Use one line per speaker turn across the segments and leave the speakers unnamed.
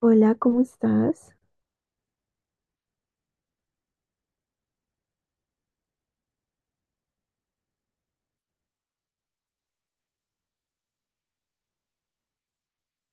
Hola, ¿cómo estás?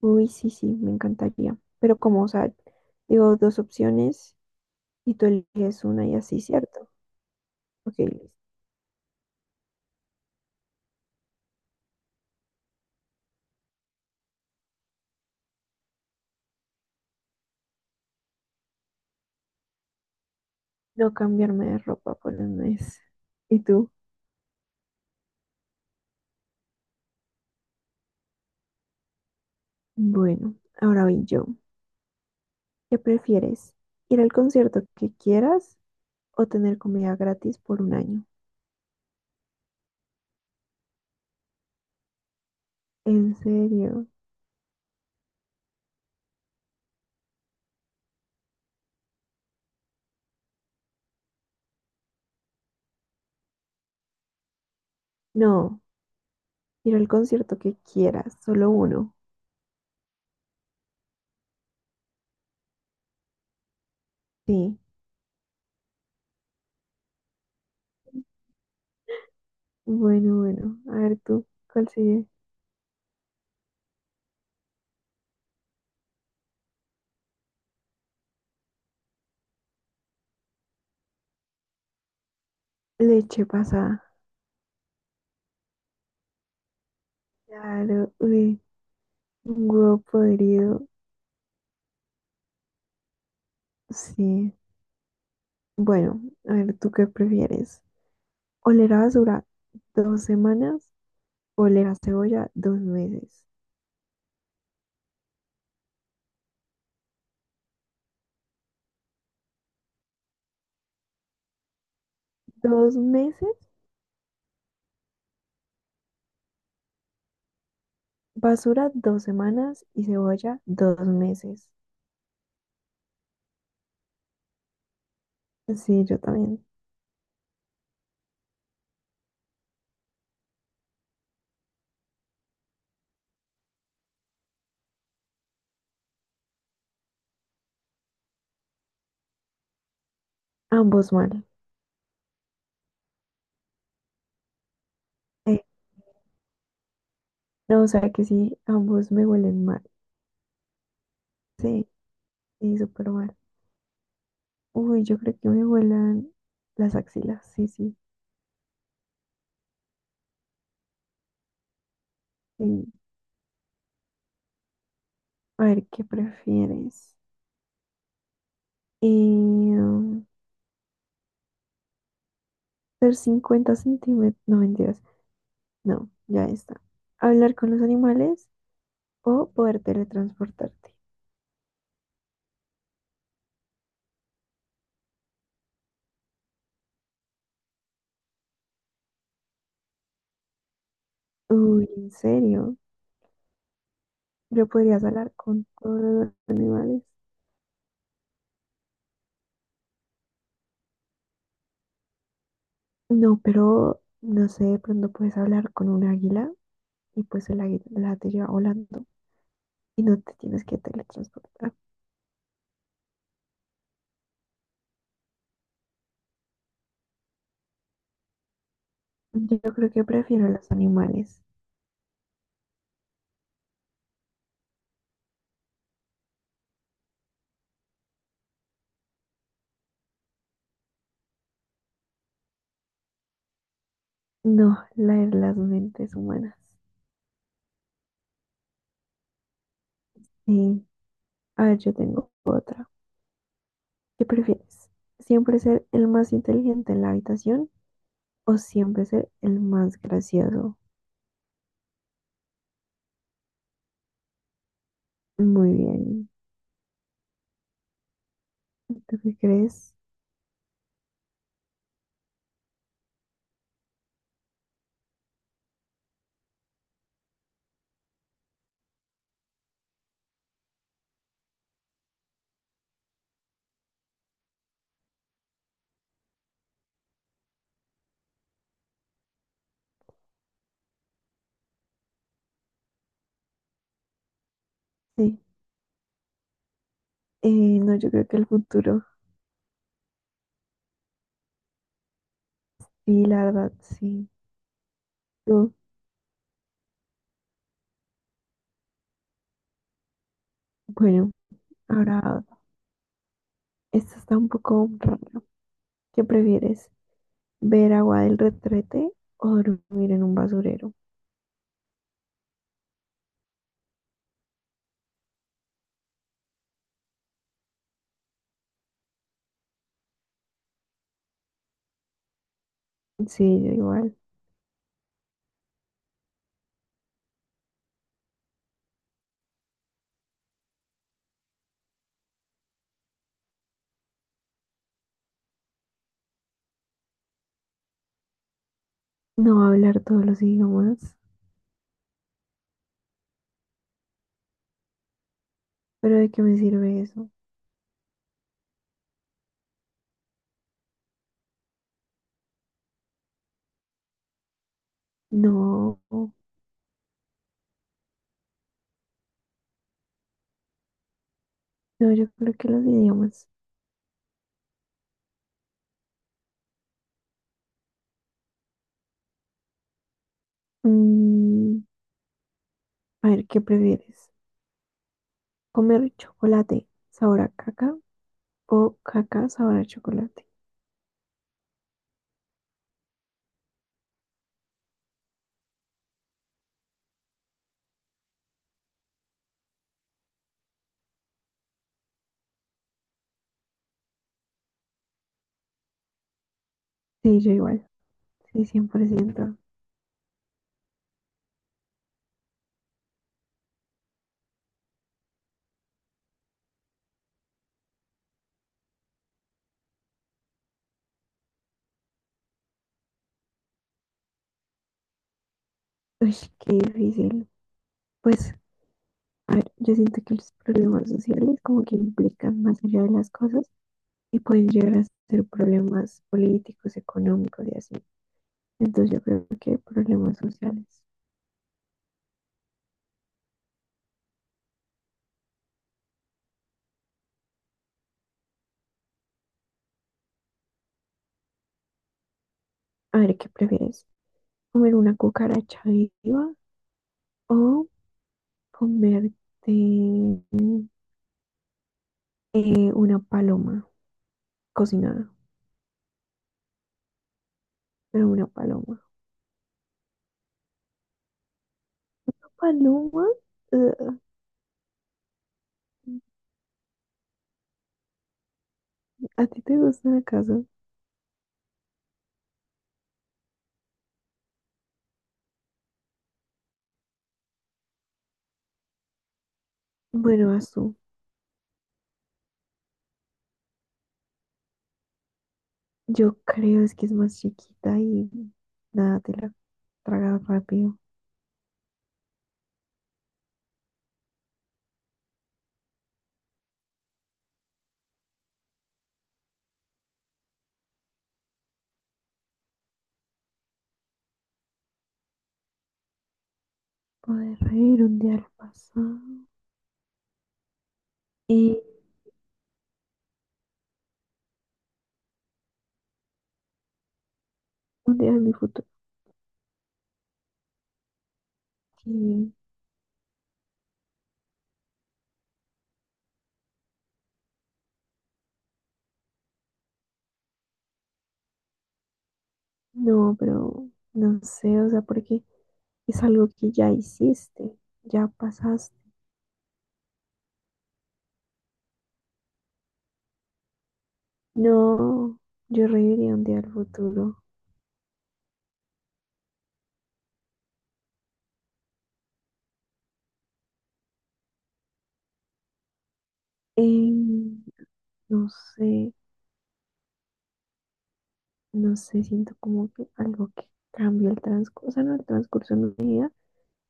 Uy, sí, sí, me encantaría. Pero como, o sea, digo dos opciones y tú eliges una y así, ¿cierto? Ok, listo. No cambiarme de ropa por un mes. ¿Y tú? Bueno, ahora voy yo. ¿Qué prefieres? ¿Ir al concierto que quieras o tener comida gratis por un año? ¿En serio? No, ir al concierto que quieras, solo uno. Sí. Bueno, bueno, a ver tú, ¿cuál sigue? Leche pasada. Claro, uy. Un huevo podrido, sí. Bueno, a ver, ¿tú qué prefieres? ¿Oler a basura dos semanas o oler a cebolla dos meses? Dos meses, basura dos semanas y cebolla dos meses. Sí, yo también. Ambos mal. Eh, no, o sea que sí, ambos me huelen mal. Sí, sí, súper mal. Uy, yo creo que me huelan las axilas. Sí, sí, sí. A ver, ¿qué prefieres? Eh, Ser 50 centímetros, no mentiras, no, ya está. Hablar con los animales o poder teletransportarte. Uy, en serio, yo podrías hablar con todos los animales. No, pero no sé, de pronto puedes hablar con un águila y pues el águila te lleva volando y no te tienes que teletransportar. Yo creo que prefiero los animales, no leer las mentes humanas. Sí. A ver, yo tengo otra. ¿Qué prefieres? ¿Siempre ser el más inteligente en la habitación o siempre ser el más gracioso? Muy bien. ¿Tú qué crees? Sí. Eh, no, yo creo que el futuro. Sí, la verdad, sí. Tú. Bueno, ahora, esta está un poco raro. ¿Qué prefieres? ¿Ver agua del retrete o dormir en un basurero? Sí, yo igual. No hablar todos los idiomas. ¿Pero de qué me sirve eso? No. No, yo creo que los idiomas. Mm, A ver, ¿qué prefieres? ¿Comer chocolate sabor a caca o caca sabor a chocolate? Sí, yo igual. Sí, cien por ciento. Uy, qué difícil. Pues, a ver, yo siento que los problemas sociales como que implican más allá de las cosas y pueden llegar a ser problemas políticos, económicos y así. Entonces yo creo que problemas sociales. A ver, ¿qué prefieres? ¿Comer una cucaracha viva o comerte una paloma cocinada? Pero una paloma. ¿Paloma? Ugh. ¿A ti te gustan acaso? Bueno, azul. Yo creo es que es más chiquita y nada, te la tragas rápido. Poder reír un día al pasado y un día en mi futuro. Sí, no, pero no sé, o sea, porque es algo que ya hiciste, ya pasaste. No, yo reiría un día al futuro. Em, no sé. No sé, siento como que algo que cambia el transcurso, o sea, no el transcurso de mi vida,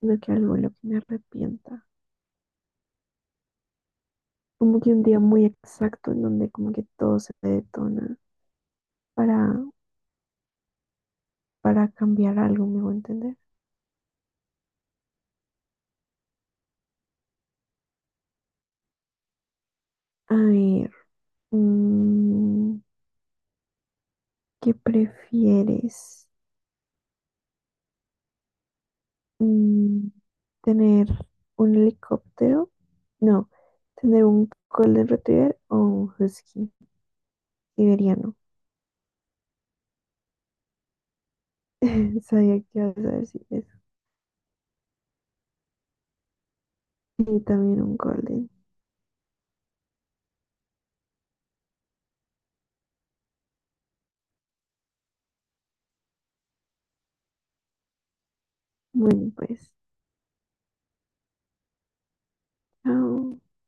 sino que algo en lo que me arrepienta. Como que un día muy exacto en donde como que todo se me detona para, para cambiar algo, me voy a entender. A ver, mm, ¿qué prefieres? Mm, ¿Tener un helicóptero? No, ¿tener un Golden Retriever o un Husky siberiano? Sabía que ibas a decir eso. Y también un Golden. Bueno, pues, chao.